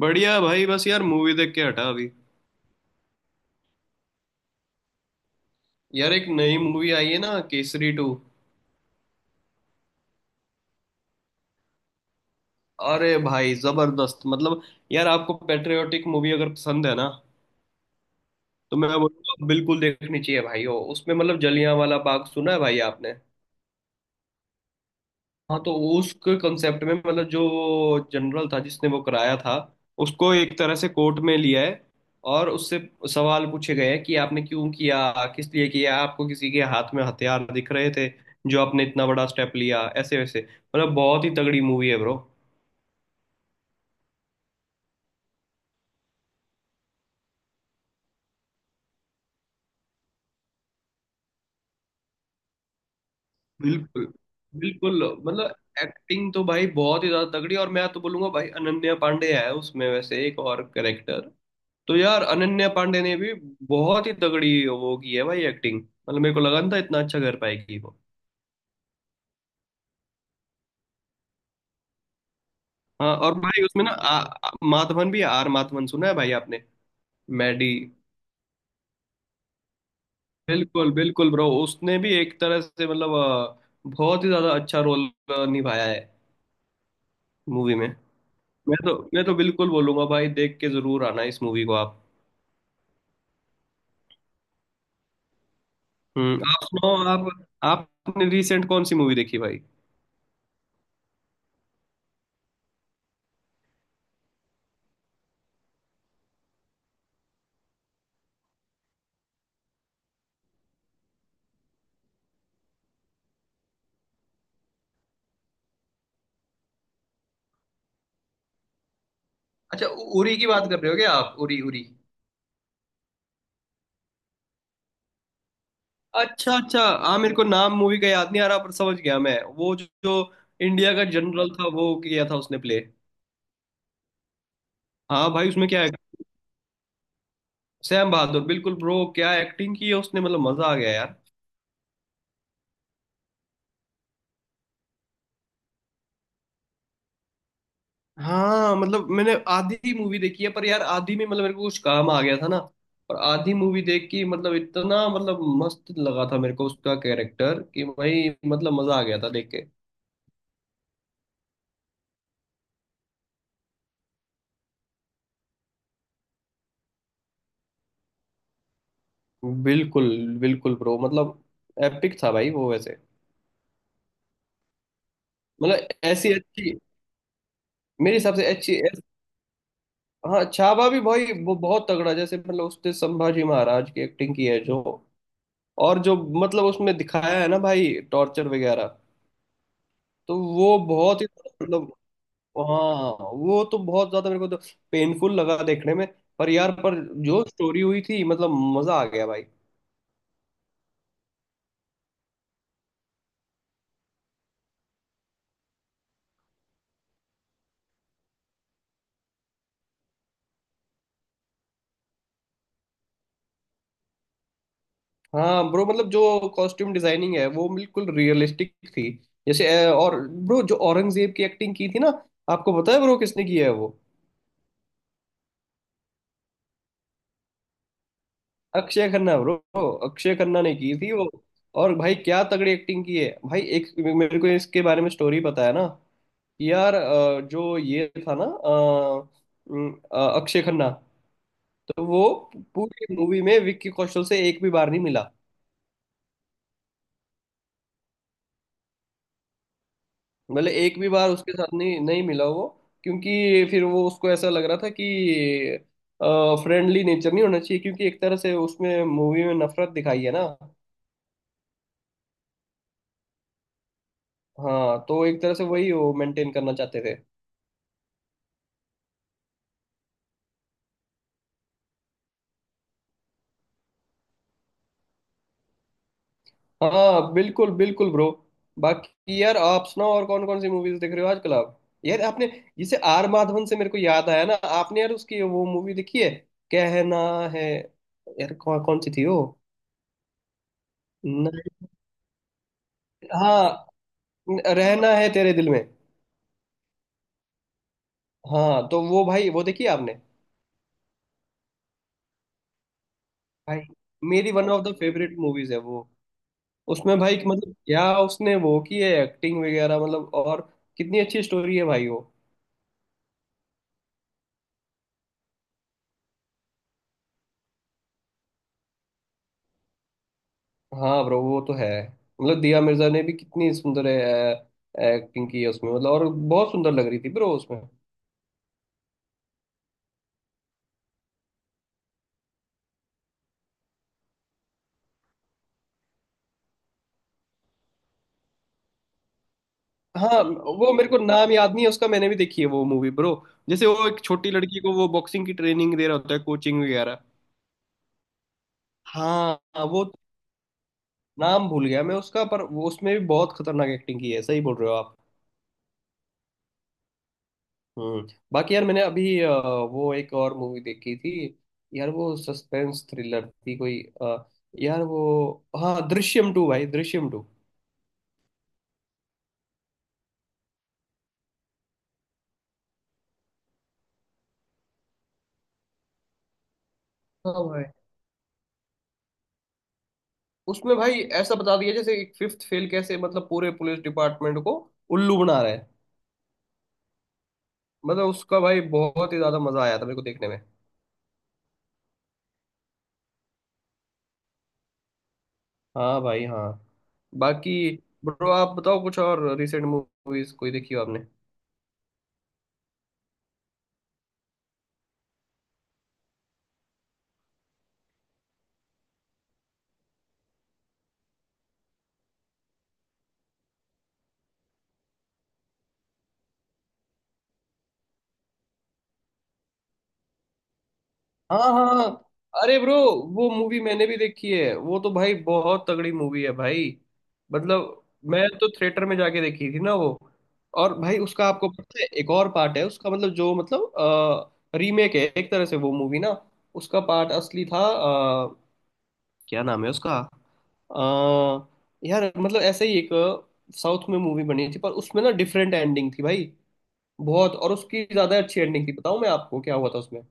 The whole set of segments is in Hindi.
बढ़िया भाई। बस यार मूवी देख के हटा अभी। यार एक नई मूवी आई है ना, केसरी टू। अरे भाई जबरदस्त। मतलब यार आपको पेट्रियोटिक मूवी अगर पसंद है ना, तो मैं बोलूंगा बिल्कुल देखनी चाहिए भाई। वो उसमें मतलब जलियांवाला बाग सुना है भाई आपने? हाँ तो उसके कंसेप्ट में मतलब जो जनरल था जिसने वो कराया था, उसको एक तरह से कोर्ट में लिया है। और उससे सवाल पूछे गए हैं कि आपने क्यों किया, किस लिए किया, आपको किसी के हाथ में हथियार दिख रहे थे जो आपने इतना बड़ा स्टेप लिया ऐसे वैसे। मतलब बहुत ही तगड़ी मूवी है ब्रो। बिल्कुल, बिल्कुल मतलब एक्टिंग तो भाई बहुत ही ज्यादा तगड़ी। और मैं तो बोलूंगा भाई अनन्या पांडे है उसमें वैसे एक और कैरेक्टर, तो यार अनन्या पांडे ने भी बहुत ही तगड़ी वो की है भाई एक्टिंग। मतलब मेरे को लगा नहीं था इतना अच्छा कर पाएगी वो। हाँ और भाई उसमें ना आ, आ- माधवन भी है, आर माधवन सुना है भाई आपने? मैडी, बिल्कुल बिल्कुल ब्रो। उसने भी एक तरह से मतलब बहुत ही ज्यादा अच्छा रोल निभाया है मूवी में। मैं तो बिल्कुल बोलूंगा भाई देख के जरूर आना इस मूवी को आप। हम्म, आप सुनाओ आप। आपने रिसेंट कौन सी मूवी देखी भाई? अच्छा, उरी की बात कर रहे हो क्या आप, उरी उरी? अच्छा अच्छा। हाँ मेरे को नाम मूवी का याद नहीं आ रहा, पर समझ गया मैं वो जो इंडिया का जनरल था वो किया था उसने प्ले। हाँ भाई उसमें क्या है। सैम बहादुर, बिल्कुल ब्रो। क्या एक्टिंग की है उसने, मतलब मजा आ गया यार। हाँ मतलब मैंने आधी मूवी देखी है, पर यार आधी में मतलब मेरे को कुछ काम आ गया था ना। और आधी मूवी देख के मतलब इतना मतलब मस्त लगा था मेरे को उसका कैरेक्टर, कि भाई मतलब मजा आ गया था देख के। बिल्कुल बिल्कुल ब्रो। मतलब एपिक था भाई वो वैसे। मतलब ऐसी अच्छी, मेरे हिसाब से अच्छी। हाँ छावा भी भाई वो बहुत तगड़ा, जैसे मतलब उसने संभाजी महाराज की एक्टिंग की है जो, और जो मतलब उसमें दिखाया है ना भाई टॉर्चर वगैरह, तो वो बहुत ही मतलब, हाँ वो तो बहुत ज्यादा मेरे को तो पेनफुल लगा देखने में। पर यार, पर जो स्टोरी हुई थी मतलब मजा आ गया भाई। हाँ ब्रो मतलब जो कॉस्ट्यूम डिजाइनिंग है वो बिल्कुल रियलिस्टिक थी। जैसे और ब्रो जो औरंगजेब की एक्टिंग की थी ना, आपको पता है ब्रो किसने की है वो? अक्षय खन्ना ब्रो। अक्षय खन्ना ने की थी वो। और भाई क्या तगड़ी एक्टिंग की है भाई। एक मेरे को इसके बारे में स्टोरी पता है ना। यार जो ये था ना अक्षय खन्ना, तो वो पूरी मूवी में विक्की कौशल से एक भी बार नहीं मिला। मतलब एक भी बार उसके साथ नहीं नहीं मिला वो। क्योंकि फिर वो उसको ऐसा लग रहा था कि फ्रेंडली नेचर नहीं होना चाहिए, क्योंकि एक तरह से उसमें मूवी में नफरत दिखाई है ना। हाँ तो एक तरह से वही वो मेंटेन करना चाहते थे। हाँ बिल्कुल बिल्कुल ब्रो। बाकी यार आप सुनाओ, और कौन कौन सी मूवीज देख रहे हो आजकल आप? यार आपने, जिसे आर माधवन से मेरे को याद आया ना, आपने यार उसकी वो मूवी देखी है, कहना है यार, कौन कौन सी थी वो? न- हाँ, रहना है तेरे दिल में। हाँ तो वो भाई वो देखी आपने भाई? मेरी one of the favourite movies है वो। उसमें भाई मतलब क्या उसने वो की है एक्टिंग वगैरह, मतलब और कितनी अच्छी स्टोरी है भाई। हाँ ब्रो वो तो है। मतलब दिया मिर्जा ने भी कितनी सुंदर एक्टिंग की है उसमें, मतलब और बहुत सुंदर लग रही थी ब्रो उसमें। हाँ वो मेरे को नाम याद नहीं है उसका, मैंने भी देखी है वो मूवी ब्रो। जैसे वो एक छोटी लड़की को वो बॉक्सिंग की ट्रेनिंग दे रहा होता है, कोचिंग वगैरह। हाँ हाँ, वो नाम भूल गया मैं उसका, पर वो उसमें भी बहुत खतरनाक एक्टिंग की है। सही बोल रहे हो आप। हम्म। बाकी यार मैंने अभी वो एक और मूवी देखी थी, यार वो सस्पेंस थ्रिलर थी कोई, यार वो, हाँ दृश्यम टू भाई, दृश्यम टू। हाँ भाई उसमें भाई ऐसा बता दिया जैसे एक फिफ्थ फेल कैसे मतलब पूरे पुलिस डिपार्टमेंट को उल्लू बना रहा है। मतलब उसका भाई बहुत ही ज्यादा मजा आया था मेरे को देखने में। हाँ भाई हाँ। बाकी ब्रो आप बताओ कुछ और रिसेंट मूवीज कोई देखी हो आपने? हाँ हाँ। अरे ब्रो वो मूवी मैंने भी देखी है, वो तो भाई बहुत तगड़ी मूवी है भाई। मतलब मैं तो थिएटर में जाके देखी थी ना वो। और भाई उसका आपको पता है एक और पार्ट है उसका, मतलब जो मतलब रीमेक है एक तरह से वो मूवी ना। उसका पार्ट असली था क्या नाम है उसका, अ, यार मतलब ऐसे ही एक साउथ में मूवी बनी थी, पर उसमें ना डिफरेंट एंडिंग थी भाई, बहुत और उसकी ज्यादा अच्छी एंडिंग थी। बताऊं मैं आपको क्या हुआ था उसमें?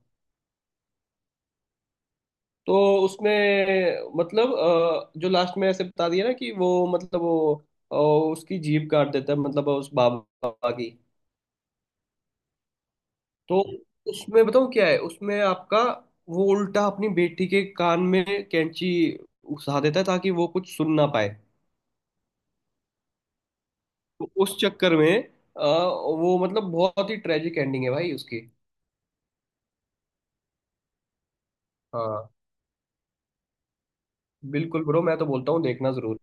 तो उसमें मतलब जो लास्ट में ऐसे बता दिया ना कि वो मतलब वो अ, उसकी जीभ काट देता है, मतलब उस बाबा की। तो उसमें बताऊँ क्या है उसमें आपका, वो उल्टा अपनी बेटी के कान में कैंची घुसा देता है ताकि वो कुछ सुन ना पाए। तो उस चक्कर में वो मतलब बहुत ही ट्रेजिक एंडिंग है भाई उसकी। हाँ बिल्कुल ब्रो, मैं तो बोलता हूँ देखना जरूर।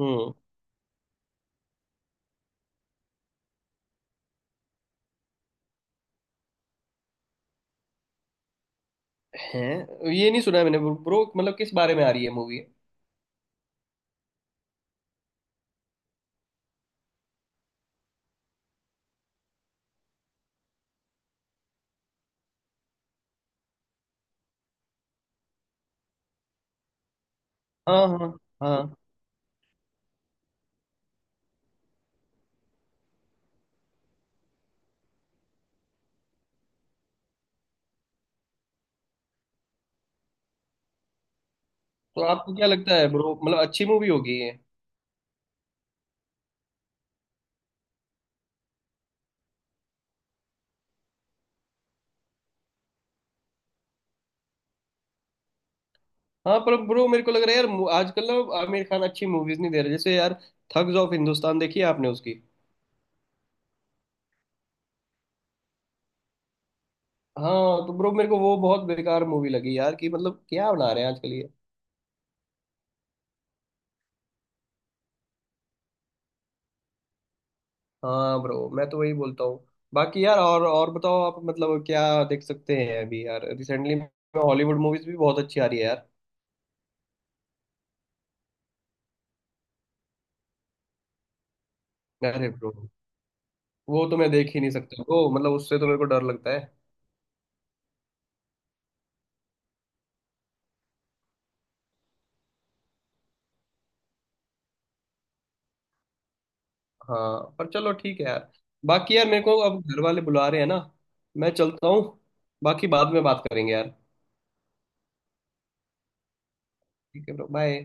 हम्म। है, ये नहीं सुना है मैंने ब्रो, मतलब किस बारे में आ रही है मूवी? हाँ हाँ हाँ। तो आपको क्या लगता है ब्रो, मतलब अच्छी मूवी होगी ये? हाँ पर ब्रो मेरे को लग रहा है यार, आजकल ना आमिर खान अच्छी मूवीज नहीं दे रहे। जैसे यार थग्स ऑफ हिंदुस्तान देखी है आपने उसकी? हाँ तो ब्रो मेरे को वो बहुत बेकार मूवी लगी यार, कि मतलब क्या बना रहे हैं आजकल ये। हाँ ब्रो मैं तो वही बोलता हूँ। बाकी यार, और बताओ आप मतलब क्या देख सकते हैं अभी यार रिसेंटली में। हॉलीवुड मूवीज भी बहुत अच्छी आ रही है यार। अरे ब्रो वो तो मैं देख ही नहीं सकता ब्रो, मतलब उससे तो मेरे को डर लगता है। हाँ पर चलो ठीक है यार। बाकी यार मेरे को अब घर वाले बुला रहे हैं ना, मैं चलता हूँ। बाकी बाद में बात करेंगे यार। ठीक है ब्रो, बाय।